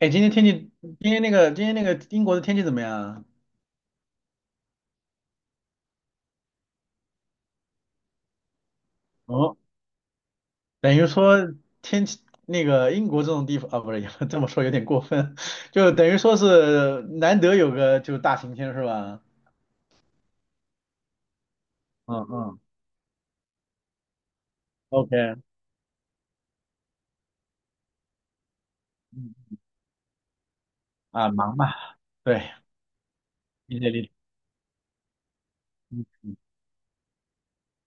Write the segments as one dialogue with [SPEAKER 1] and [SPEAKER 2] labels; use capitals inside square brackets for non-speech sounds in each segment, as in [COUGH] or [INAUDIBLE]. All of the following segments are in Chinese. [SPEAKER 1] 哎，今天天气，今天那个英国的天气怎么样啊？哦，等于说天气，那个英国这种地方啊，不是，[LAUGHS] 这么说有点过分，[LAUGHS] 就等于说是难得有个就大晴天是吧？嗯嗯。OK。嗯啊，忙吧。对，理解理解。嗯嗯。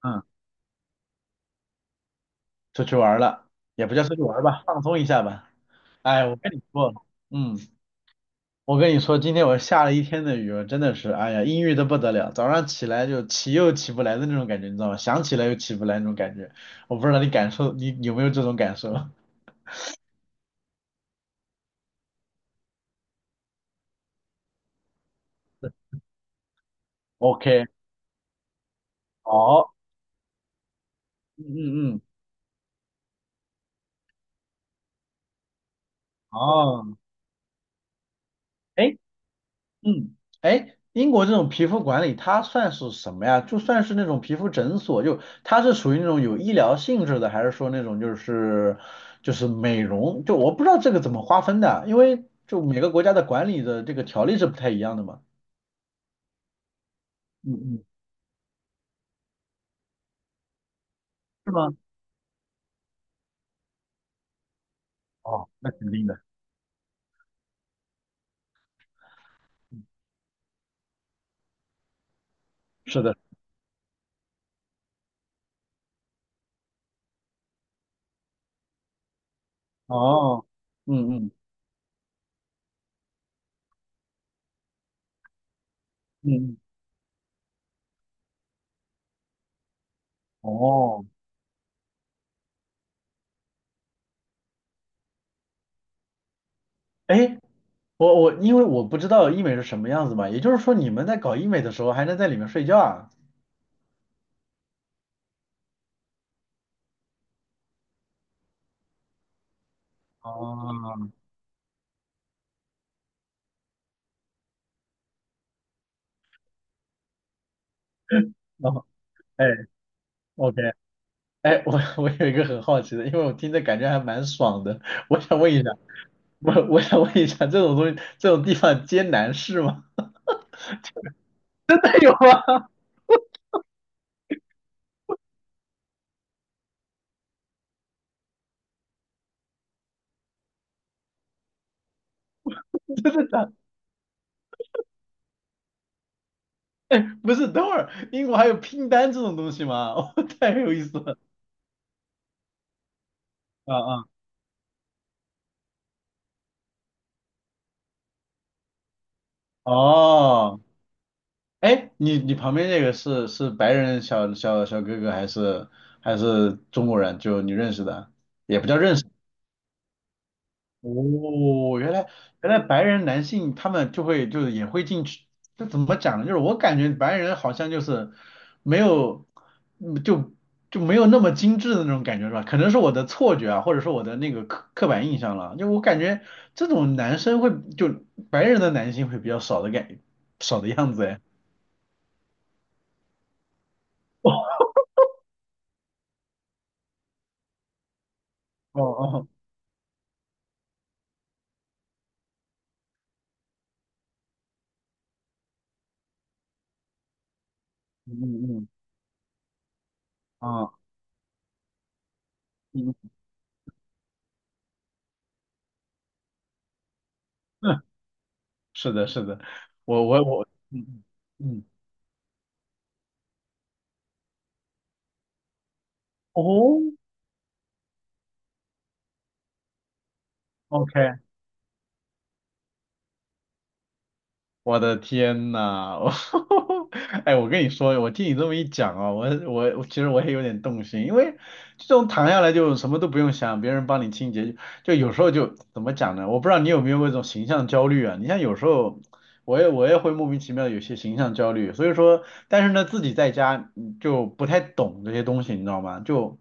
[SPEAKER 1] 嗯出去玩儿了，也不叫出去玩儿吧，放松一下吧。哎，我跟你说。嗯。我跟你说，今天我下了一天的雨，我真的是，哎呀，阴郁的不得了。早上起来就起又起不来的那种感觉，你知道吗？想起来又起不来那种感觉。我不知道你感受，你有没有这种感受？ [LAUGHS]？OK。好。嗯嗯嗯。哦。哎。嗯。哎，英国这种皮肤管理它算是什么呀？就算是那种皮肤诊所，就它是属于那种有医疗性质的，还是说那种就是美容？就我不知道这个怎么划分的，因为就每个国家的管理的这个条例是不太一样的嘛。嗯嗯。是吗？哦，那肯定的。是的。哦。嗯嗯嗯嗯。哦。哎，我因为我不知道医美是什么样子嘛，也就是说你们在搞医美的时候还能在里面睡觉啊？哦。然后哎，OK。哎，我有一个很好奇的，因为我听着感觉还蛮爽的，我想问一下，我想问一下，这种东西这种地方接男士吗？[LAUGHS] 有啊。[LAUGHS] 不是，等会儿英国还有拼单这种东西吗？[LAUGHS] 哦，太有意思了。啊啊。哦。哎，你旁边那个是白人小哥哥还是中国人？就你认识的，也不叫认识。哦，原来白人男性他们就会就是也会进去。这怎么讲呢？就是我感觉白人好像就是没有，就没有那么精致的那种感觉是吧？可能是我的错觉啊，或者说我的那个刻板印象了。就我感觉这种男生会就白人的男性会比较少少的样子哎。[LAUGHS] 哦哦。嗯嗯嗯。啊。嗯。[LAUGHS] 是的，是的。我，嗯嗯嗯。哦。OK。我的天呐。[LAUGHS] 我哎，我跟你说，我听你这么一讲啊，我其实我也有点动心，因为这种躺下来就什么都不用想，别人帮你清洁，就有时候就怎么讲呢？我不知道你有没有过这种形象焦虑啊？你像有时候我也会莫名其妙地有些形象焦虑，所以说，但是呢，自己在家，就不太懂这些东西，你知道吗？就。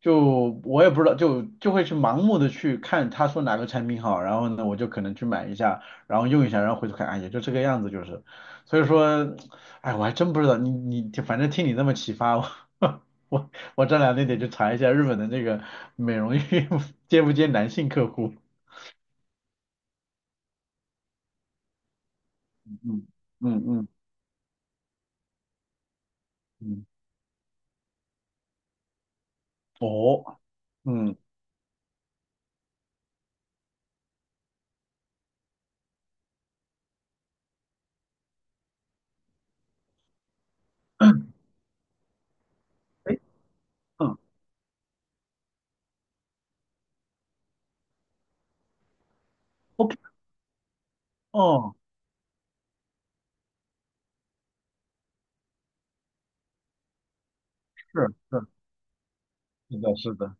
[SPEAKER 1] 就我也不知道，就会去盲目的去看他说哪个产品好，然后呢，我就可能去买一下，然后用一下，然后回头看，啊，也就这个样子，就是，所以说，哎，我还真不知道，你你反正听你这么启发，我 [LAUGHS] 我这两天得去查一下日本的那个美容院 [LAUGHS] 接不接男性客户。嗯嗯嗯嗯。嗯。哦。嗯。哎。嗯。OK。哦。是是。是的，是的。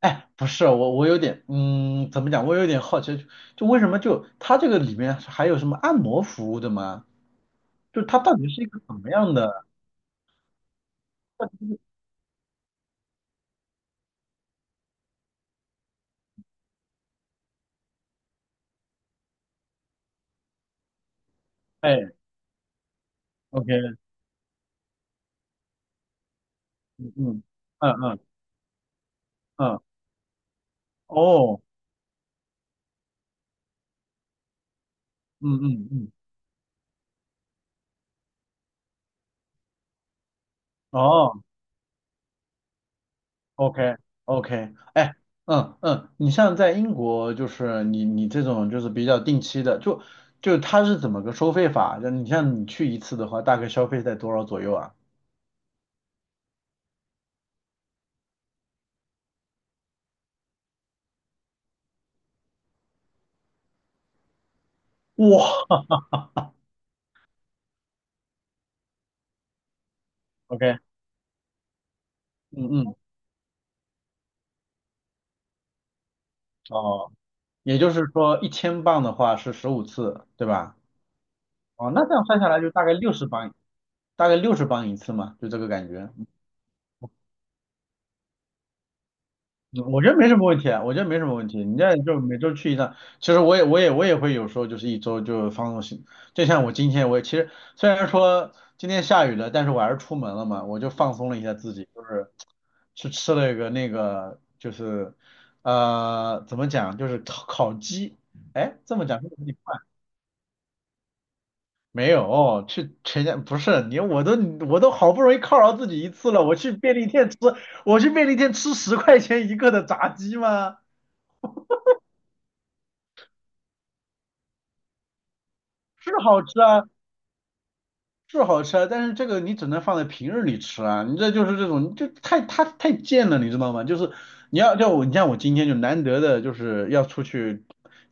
[SPEAKER 1] 哎，不是我，我有点，嗯，怎么讲？我有点好奇，就为什么就它这个里面还有什么按摩服务的吗？就它到底是一个怎么样的？哎，OK。嗯嗯嗯嗯嗯。哦。嗯嗯嗯。哦。OK OK。哎。嗯嗯。你像在英国，就是你这种就是比较定期的，就它是怎么个收费法？就你像你去一次的话，大概消费在多少左右啊？哇。OK。嗯嗯。哦，也就是说一千磅的话是十五次，对吧？哦，那这样算下来就大概六十磅，大概六十磅一次嘛，就这个感觉。嗯，我觉得没什么问题啊，我觉得没什么问题。你这就每周去一趟，其实我也会有时候就是一周就放纵行，就像我今天我也其实虽然说今天下雨了，但是我还是出门了嘛，我就放松了一下自己，就是去吃了一个那个就是怎么讲就是烤鸡，哎这么讲。没有，哦，去全家不是你，我都好不容易犒劳自己一次了，我去便利店吃，我去便利店吃十块钱一个的炸鸡吗？是好吃啊，是好吃啊，但是这个你只能放在平日里吃啊，你这就是这种，你就太太太贱了，你知道吗？就是你要叫我，你像我今天就难得的就是要出去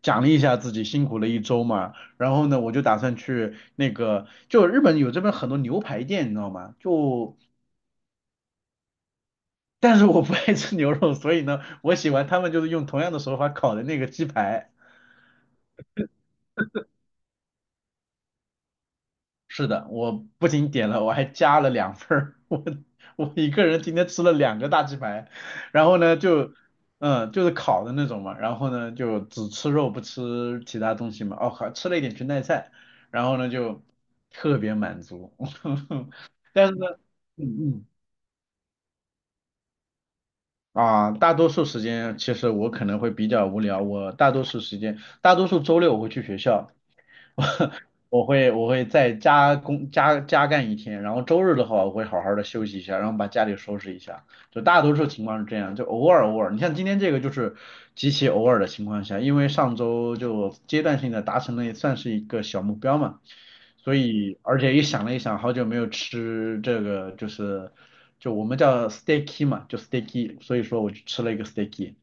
[SPEAKER 1] 奖励一下自己辛苦了一周嘛，然后呢，我就打算去那个，就日本有这边很多牛排店，你知道吗？就。但是我不爱吃牛肉，所以呢，我喜欢他们就是用同样的手法烤的那个鸡排。是的，我不仅点了，我还加了两份儿。[LAUGHS] 我一个人今天吃了两个大鸡排，然后呢就，嗯，就是烤的那种嘛，然后呢就只吃肉不吃其他东西嘛。哦，还吃了一点裙带菜，然后呢就特别满足。[LAUGHS] 但是呢，嗯嗯。啊，大多数时间其实我可能会比较无聊。我大多数时间，大多数周六我会去学校。[LAUGHS] 我会再加工加干一天，然后周日的话，我会好好的休息一下，然后把家里收拾一下。就大多数情况是这样，就偶尔偶尔。你像今天这个就是极其偶尔的情况下，因为上周就阶段性的达成了，也算是一个小目标嘛。所以而且也想了一想，好久没有吃这个就是就我们叫 steaky 嘛，就 steaky，所以说我就吃了一个 steaky。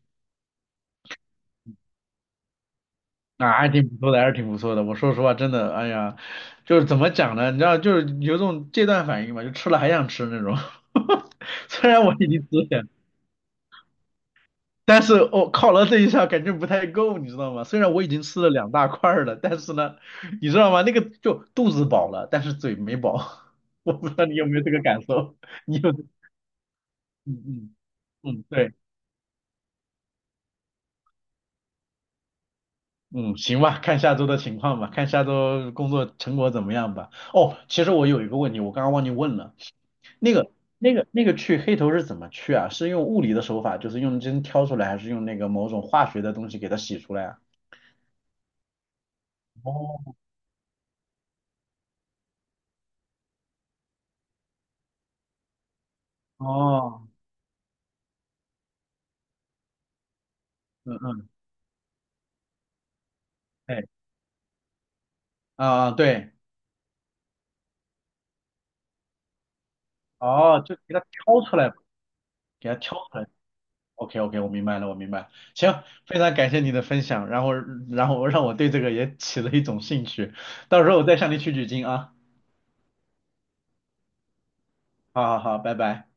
[SPEAKER 1] 啊，还挺不错的，还是挺不错的。我说实话，真的，哎呀，就是怎么讲呢？你知道，就是有种戒断反应嘛，就吃了还想吃那种。[LAUGHS] 虽然我已经吃了，但是我、犒劳这一下感觉不太够，你知道吗？虽然我已经吃了两大块儿了，但是呢，你知道吗？那个就肚子饱了，但是嘴没饱。[LAUGHS] 我不知道你有没有这个感受，你有？嗯嗯嗯，对。嗯，行吧，看下周的情况吧，看下周工作成果怎么样吧。哦，其实我有一个问题，我刚刚忘记问了。那个那个去黑头是怎么去啊？是用物理的手法，就是用针挑出来，还是用那个某种化学的东西给它洗出来啊？哦哦。嗯嗯。对啊对。哦，就给它挑出来，给它挑出来。OK OK，我明白了，我明白了。行，非常感谢你的分享，然后让我对这个也起了一种兴趣，到时候我再向你取取经啊。好好好，拜拜。